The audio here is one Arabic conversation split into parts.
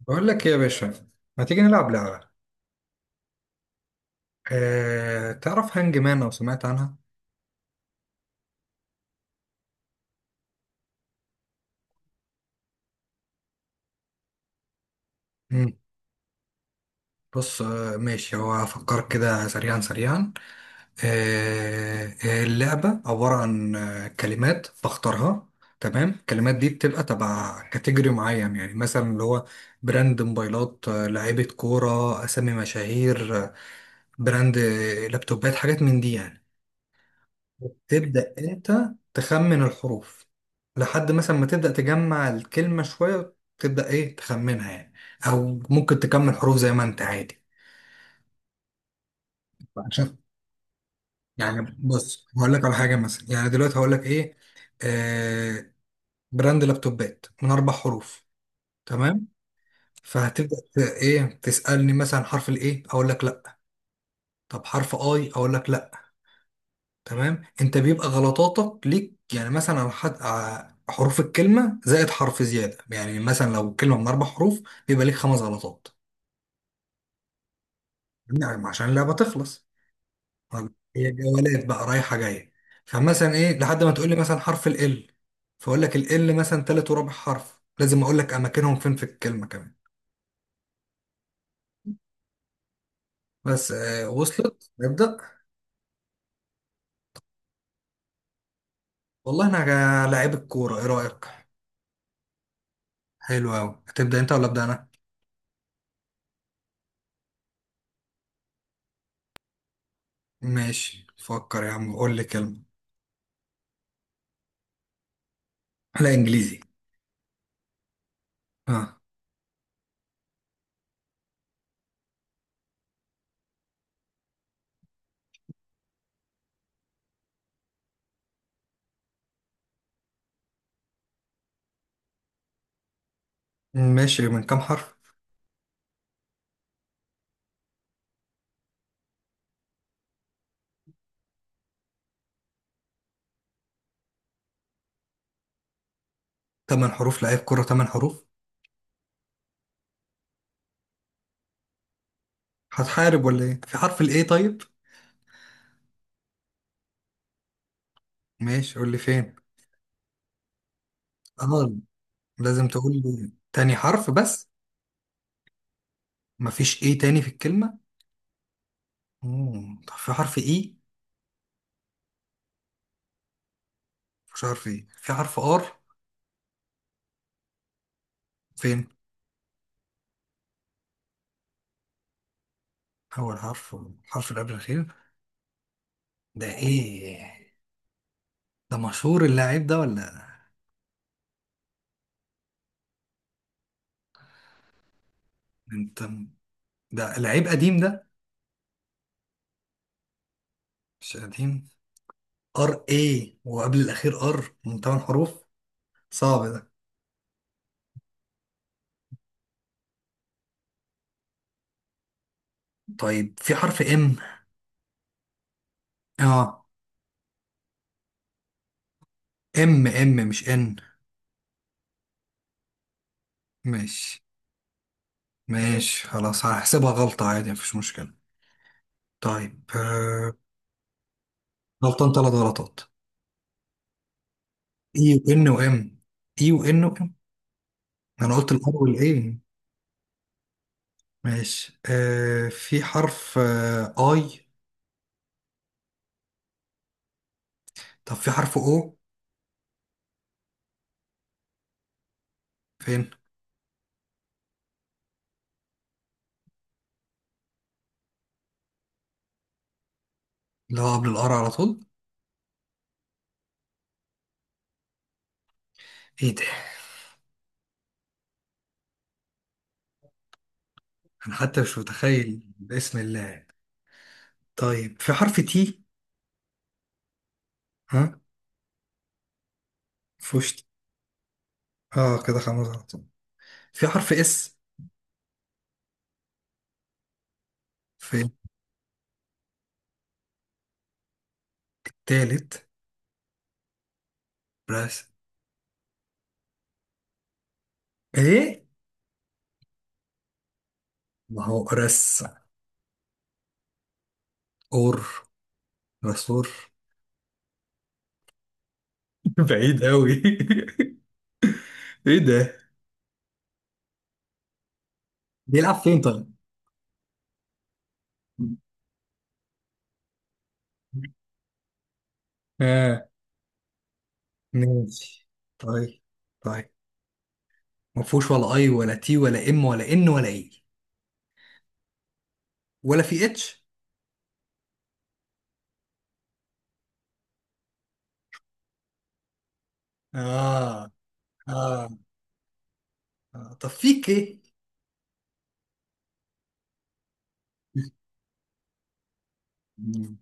بقول لك إيه يا باشا؟ ما تيجي نلعب لعبة؟ تعرف هانج مان او سمعت عنها؟ مم. بص، ماشي، هو هفكر كده سريعا سريعا. أه اللعبة عبارة عن كلمات بختارها. تمام، الكلمات دي بتبقى تبع كاتيجوري معين، يعني مثلا اللي هو براند موبايلات، لعيبة كورة، أسامي مشاهير، براند لابتوبات، حاجات من دي يعني. تبدأ انت تخمن الحروف لحد مثلا ما تبدأ تجمع الكلمة شوية، تبدأ ايه تخمنها يعني، او ممكن تكمل حروف زي ما انت عادي. عشان يعني، بص هقول لك على حاجة مثلا، يعني دلوقتي هقول لك ايه، آه براند لابتوبات من اربع حروف. تمام، فهتبدأ ايه تسألني مثلا حرف الايه، اقول لك لا. طب حرف اي، اقول لك لا. تمام، انت بيبقى غلطاتك ليك، يعني مثلا على حد حروف الكلمه زائد حرف زياده، يعني مثلا لو كلمه من اربع حروف، بيبقى ليك خمس غلطات، يعني عشان اللعبه تخلص. طب هي جولات بقى، رايحه جايه. فمثلا ايه لحد ما تقول لي مثلا حرف ال، فاقول لك ال مثلا تالت ورابع حرف، لازم اقول لك اماكنهم فين في الكلمه كمان. بس وصلت، نبدا. والله، انا لعيب الكوره، ايه رايك؟ حلو قوي، هتبدا انت ولا ابدا انا؟ ماشي، فكر يا عم، قول لي كلمه. لا، انجليزي. ها؟ ماشي، من كام حرف؟ تمن حروف؟ لعيب كرة تمن حروف؟ هتحارب ولا ايه؟ في حرف الايه؟ طيب. ماشي، قول لي فين. اه، لازم تقول لي تاني حرف بس. مفيش ايه تاني في الكلمة؟ مم. طب في حرف اي؟ مفيش حرف ايه؟ في حرف ار؟ فين؟ اول حرف، الحرف اللي قبل الاخير؟ ده ايه؟ ده مشهور اللاعب ده ولا؟ انت، ده لعيب قديم ده؟ مش قديم؟ ار ايه، وقبل الاخير ار، من تمن حروف؟ صعب ده. طيب في حرف ام؟ اه. ام ام مش ان. ماشي. ماشي، خلاص، هحسبها غلطة عادي، مفيش مشكلة. طيب. غلطان ثلاث غلطات. اي وان وام، اي وان وام، انا قلت الار والاي. ماشي، في حرف اي؟ طب في حرف او؟ فين؟ اللي هو قبل الار على طول؟ ايه ده؟ انا حتى مش متخيل، باسم الله. طيب في حرف تي؟ ها؟ فوشت. اه، كده خمس غلطات. في حرف اس؟ في؟ التالت؟ بس. ايه؟ ما هو رس، اور، رسور. بعيد قوي. ايه ده؟ بيلعب فين طيب؟ اه. ماشي. طيب، طيب، ما فيهوش ولا اي ولا تي ولا ام ولا ان ولا اي. ولا في اتش؟ آه. اه، اه، طب في كي؟ مم.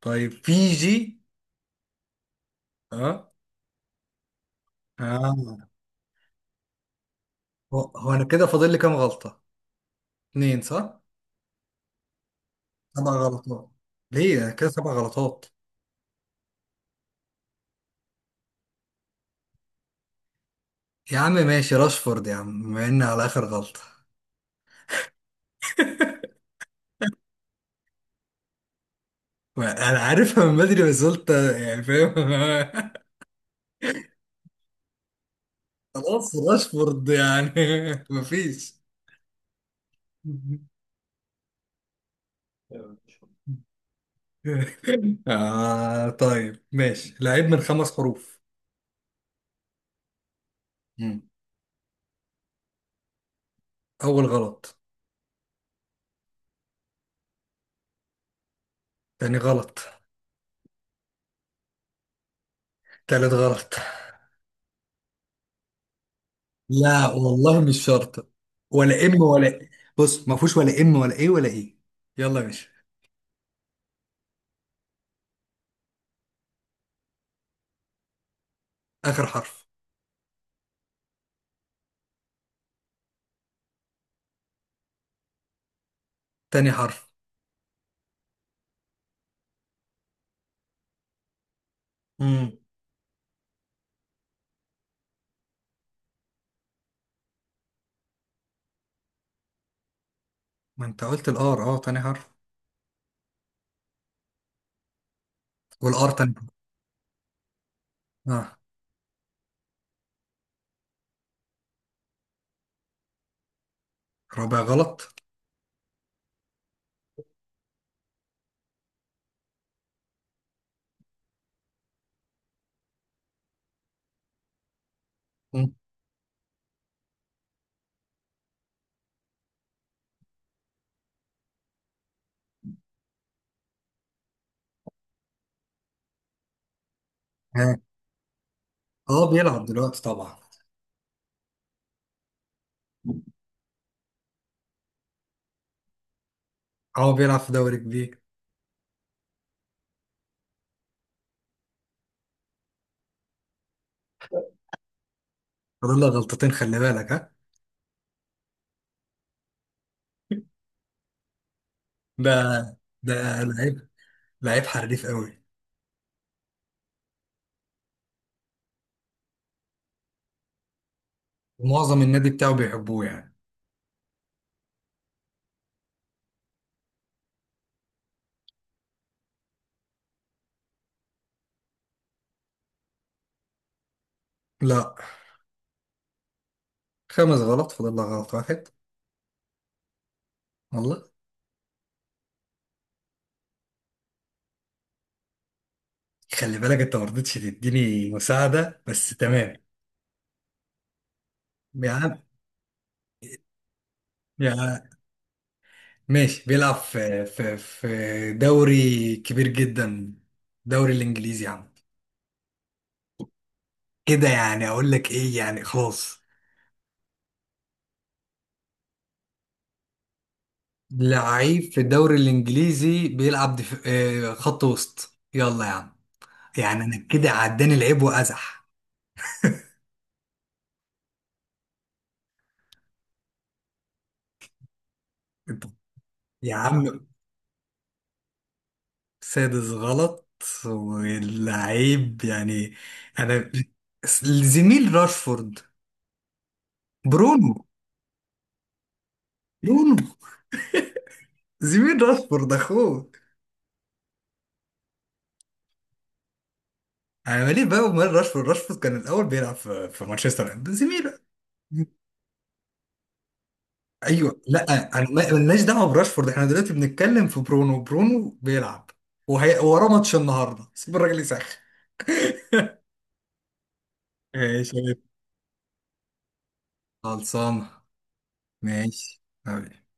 طيب في جي؟ اه. اه هو انا كده فاضل لي كام غلطة؟ اتنين، صح؟ سبع غلطات؟ ليه انا كده سبع غلطات؟ يا عم ماشي، راشفورد يا عم، بما ان على اخر غلطة. انا عارفها من بدري، بس قلت يعني، فاهم؟ خلاص راشفورد يعني. مفيش. طيب، ماشي، لعيب من خمس حروف. مم. أول غلط. تاني غلط. تالت غلط. لا والله، مش شرط. ولا ام ولا إيه. بص، ما فيهوش ولا ام ولا ايه ولا ايه. يلا يا باشا. آخر حرف. تاني حرف. مم. ما انت قلت الار، اه، تاني حرف. والار تاني. اه، رابع غلط. مم. ها؟ اه، بيلعب دلوقتي طبعا. اه، بيلعب في دوري كبير. فاضل له غلطتين، خلي بالك، ها. ده ده لعيب، لعيب حريف قوي. ومعظم النادي بتاعه بيحبوه يعني. لا، خمس غلط، فاضل لك غلط واحد. والله. خلي بالك، انت ما رضيتش تديني مساعدة، بس تمام. يا عم. يا عم. ماشي، بيلعب في دوري كبير جدا، دوري الانجليزي يا عم. كده يعني اقول لك ايه، يعني خلاص. لعيب في الدوري الانجليزي، بيلعب دف... آه، خط وسط، يلا يا عم، يعني انا كده عداني لعيب وازح. طب يا عم، سادس غلط، واللعيب يعني، انا، زميل راشفورد، برونو. برونو زميل راشفورد، اخوه. انا مالي بقى ومال راشفورد. راشفورد كان الاول بيلعب في مانشستر، ده زميله. ايوه، لا، انا مالناش دعوه براشفورد، احنا دلوقتي بنتكلم في برونو. برونو بيلعب، وهي وراه ماتش النهارده، سيب الراجل يسخن. ماشي. خلصانه. ماشي. حبيبي.